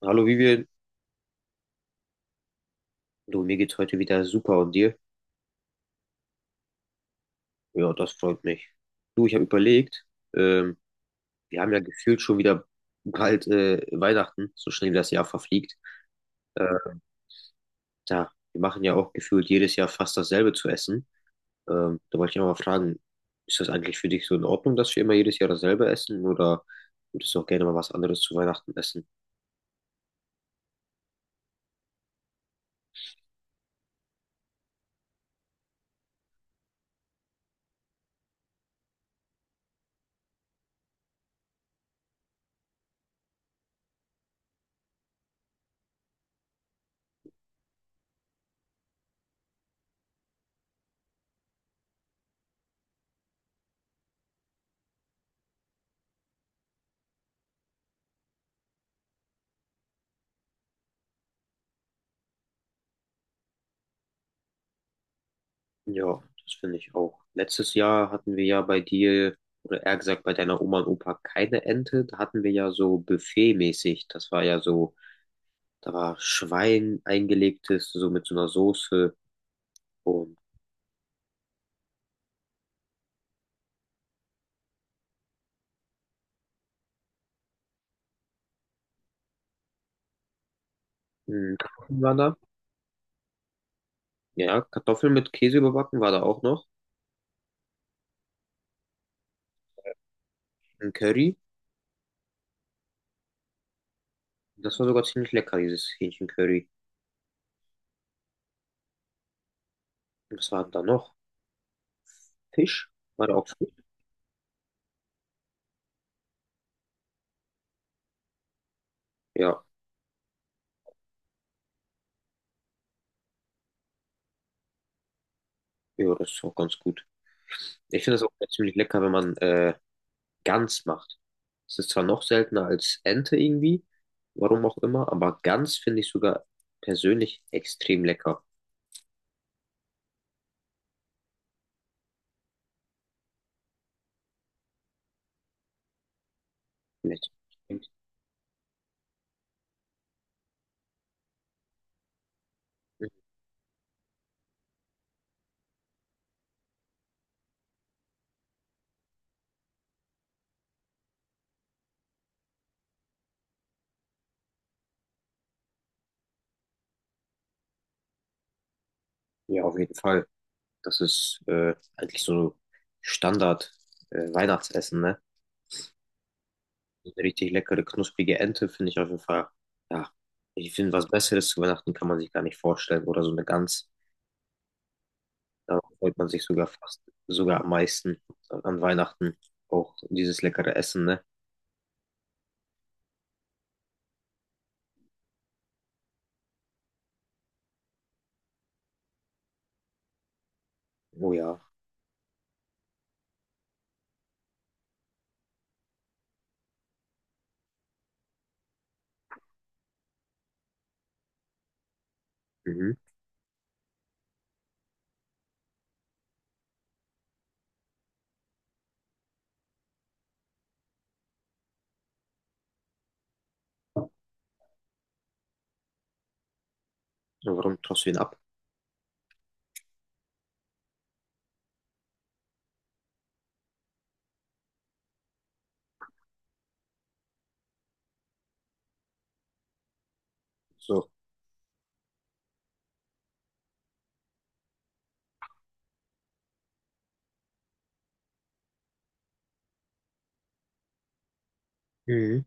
Hallo Vivian, du, mir geht's heute wieder super und dir? Ja, das freut mich. Du, ich habe überlegt, ähm, wir haben ja gefühlt schon wieder bald Weihnachten, so schnell wie das Jahr verfliegt. Äh, Wir machen ja auch gefühlt jedes Jahr fast dasselbe zu essen. Da wollte ich auch mal fragen, ist das eigentlich für dich so in Ordnung, dass wir immer jedes Jahr dasselbe essen, oder würdest du auch gerne mal was anderes zu Weihnachten essen? Ja, das finde ich auch. Letztes Jahr hatten wir ja bei dir, oder eher gesagt bei deiner Oma und Opa, keine Ente. Da hatten wir ja so buffetmäßig. Das war ja so, da war Schwein eingelegtes, so mit so einer Soße und Kartoffeln waren da. Ja, Kartoffeln mit Käse überbacken war da auch noch. Ein Curry. Das war sogar ziemlich lecker, dieses Hähnchencurry. Und was war denn da noch? Fisch? War da auch Fisch? Ja, ja, das ist auch ganz gut. Ich finde das auch ziemlich lecker, wenn man Gans macht. Es ist zwar noch seltener als Ente irgendwie, warum auch immer, aber Gans finde ich sogar persönlich extrem lecker. Vielleicht- ja, auf jeden Fall. Das ist eigentlich so Standard Weihnachtsessen, ne? So eine richtig leckere, knusprige Ente finde ich auf jeden Fall. Ja, ich finde, was Besseres zu Weihnachten kann man sich gar nicht vorstellen. Oder so eine Gans. Darauf freut man sich sogar fast, sogar am meisten an Weihnachten. Auch dieses leckere Essen, ne? Oh ja. Mhm. Ja, warum tust du ihn ab? So. Mhm.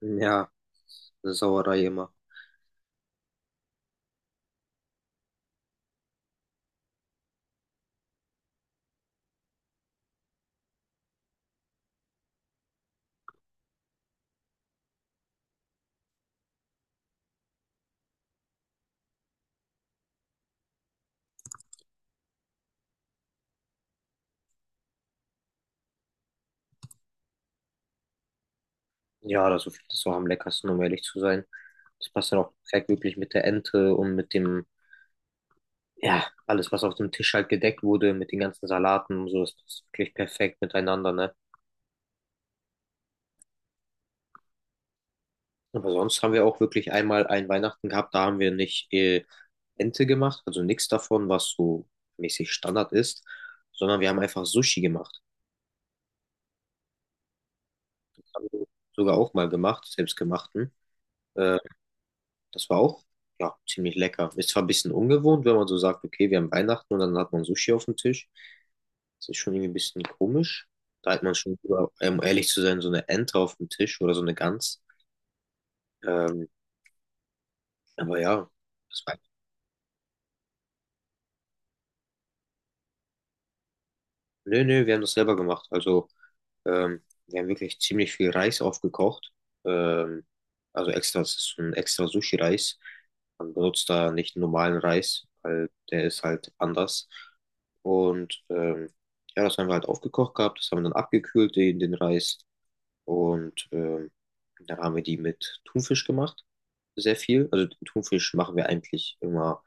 Ja, Sauerei immer. Ja, das ist das auch am leckersten, um ehrlich zu sein. Das passt dann auch perfekt wirklich mit der Ente und mit dem, ja, alles, was auf dem Tisch halt gedeckt wurde, mit den ganzen Salaten und so, das passt wirklich perfekt miteinander, ne? Aber sonst haben wir auch wirklich einmal ein Weihnachten gehabt, da haben wir nicht Ente gemacht, also nichts davon, was so mäßig Standard ist, sondern wir haben einfach Sushi gemacht. Das haben wir sogar auch mal gemacht, selbstgemachten. Äh, Das war auch, ja, ziemlich lecker. Ist zwar ein bisschen ungewohnt, wenn man so sagt, okay, wir haben Weihnachten und dann hat man Sushi auf dem Tisch. Das ist schon irgendwie ein bisschen komisch. Da hat man schon, lieber, um ehrlich zu sein, so eine Ente auf dem Tisch oder so eine Gans. Ähm, aber ja, das war, nö, nö, wir haben das selber gemacht. Also wir haben wirklich ziemlich viel Reis aufgekocht. Ähm, also extra, es ist so ein extra Sushi-Reis. Man benutzt da nicht normalen Reis, weil der ist halt anders. Und ja, das haben wir halt aufgekocht gehabt. Das haben wir dann abgekühlt, den Reis. Und dann haben wir die mit Thunfisch gemacht. Sehr viel. Also den Thunfisch machen wir eigentlich immer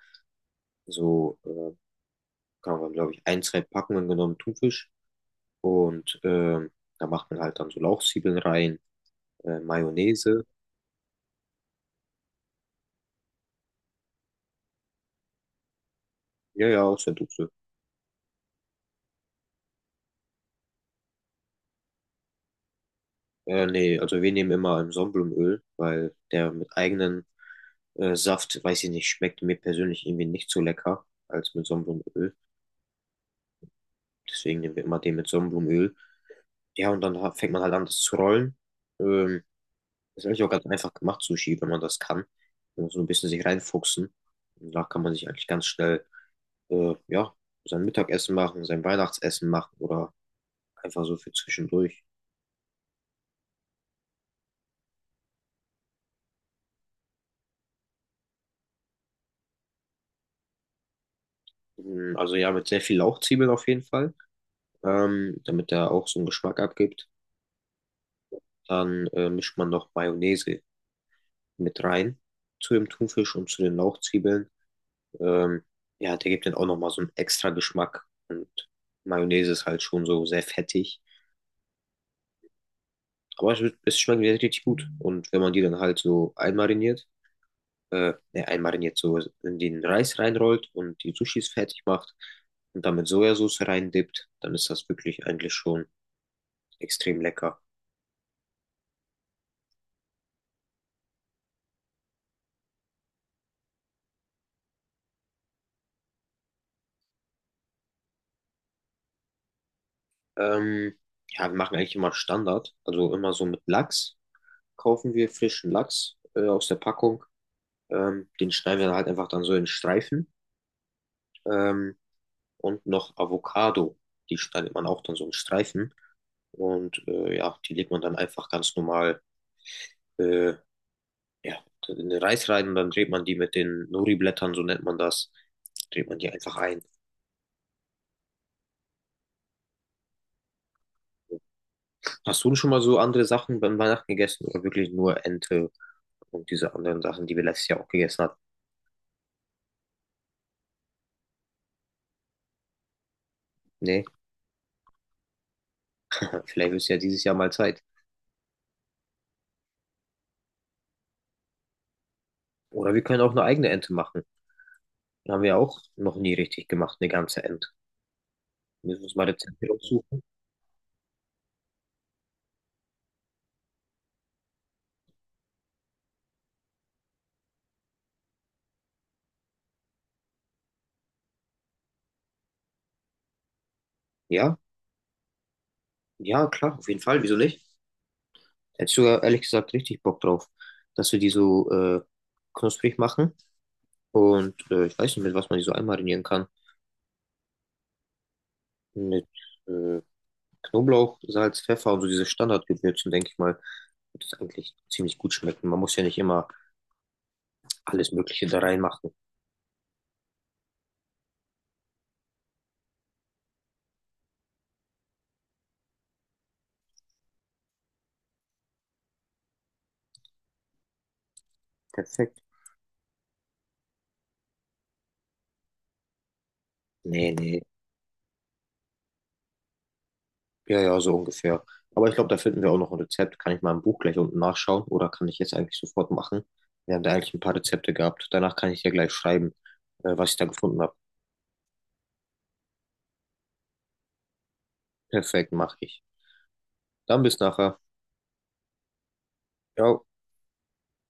so, kann man, glaube ich, ein, zwei Packungen genommen Thunfisch. Und da macht man halt dann so Lauchzwiebeln rein. Mayonnaise. Ja, ja, aus der Dose. Nee, also wir nehmen immer ein Sonnenblumenöl, weil der mit eigenen Saft, weiß ich nicht, schmeckt mir persönlich irgendwie nicht so lecker als mit Sonnenblumenöl. Deswegen nehmen wir immer den mit Sonnenblumenöl. Ja, und dann fängt man halt an, das zu rollen. Ähm, Ist eigentlich auch ganz einfach gemacht, Sushi, wenn man das kann. Man muss so ein bisschen sich reinfuchsen. Und da kann man sich eigentlich ganz schnell, ja, sein Mittagessen machen, sein Weihnachtsessen machen oder einfach so für zwischendurch. Mm, also ja, mit sehr viel Lauchzwiebeln auf jeden Fall. Damit er auch so einen Geschmack abgibt. Dann mischt man noch Mayonnaise mit rein zu dem Thunfisch und zu den Lauchzwiebeln. Ähm, ja, der gibt dann auch nochmal so einen extra Geschmack. Und Mayonnaise ist halt schon so sehr fettig. Aber es schmeckt richtig gut. Und wenn man die dann halt so einmariniert, ne, einmariniert so in den Reis reinrollt und die Sushis fertig macht und dann mit Sojasauce reindippt, dann ist das wirklich eigentlich schon extrem lecker. Ähm, ja, wir machen eigentlich immer Standard. Also immer so mit Lachs, kaufen wir frischen Lachs aus der Packung. Den schneiden wir dann halt einfach dann so in Streifen. Ähm, und noch Avocado. Die schneidet man auch dann so in Streifen. Und ja, die legt man dann einfach ganz normal äh, ja, in den Reis rein und dann dreht man die mit den Nori-Blättern, so nennt man das, dreht man die einfach ein. Hast du schon mal so andere Sachen beim Weihnachten gegessen oder wirklich nur Ente und diese anderen Sachen, die wir letztes Jahr auch gegessen hatten? Nee. Vielleicht ist ja dieses Jahr mal Zeit. Oder wir können auch eine eigene Ente machen. Haben wir auch noch nie richtig gemacht, eine ganze Ente. Müssen wir uns mal Rezepte raussuchen. Ja, ja, klar, auf jeden Fall. Wieso nicht? Hätte ich sogar ehrlich gesagt richtig Bock drauf, dass wir die so knusprig machen. Und ich weiß nicht, mit was man die so einmarinieren kann. Mit äh, Knoblauch, Salz, Pfeffer und so diese Standardgewürzen, denke ich mal, wird es eigentlich ziemlich gut schmecken. Man muss ja nicht immer alles Mögliche da reinmachen. Perfekt. Nee, nee. Ja, ja, so ungefähr. Aber ich glaube, da finden wir auch noch ein Rezept. Kann ich mal im Buch gleich unten nachschauen oder kann ich jetzt eigentlich sofort machen? Wir haben da eigentlich ein paar Rezepte gehabt. Danach kann ich dir gleich schreiben, was ich da gefunden habe. Perfekt, mache ich. Dann bis nachher. Ciao.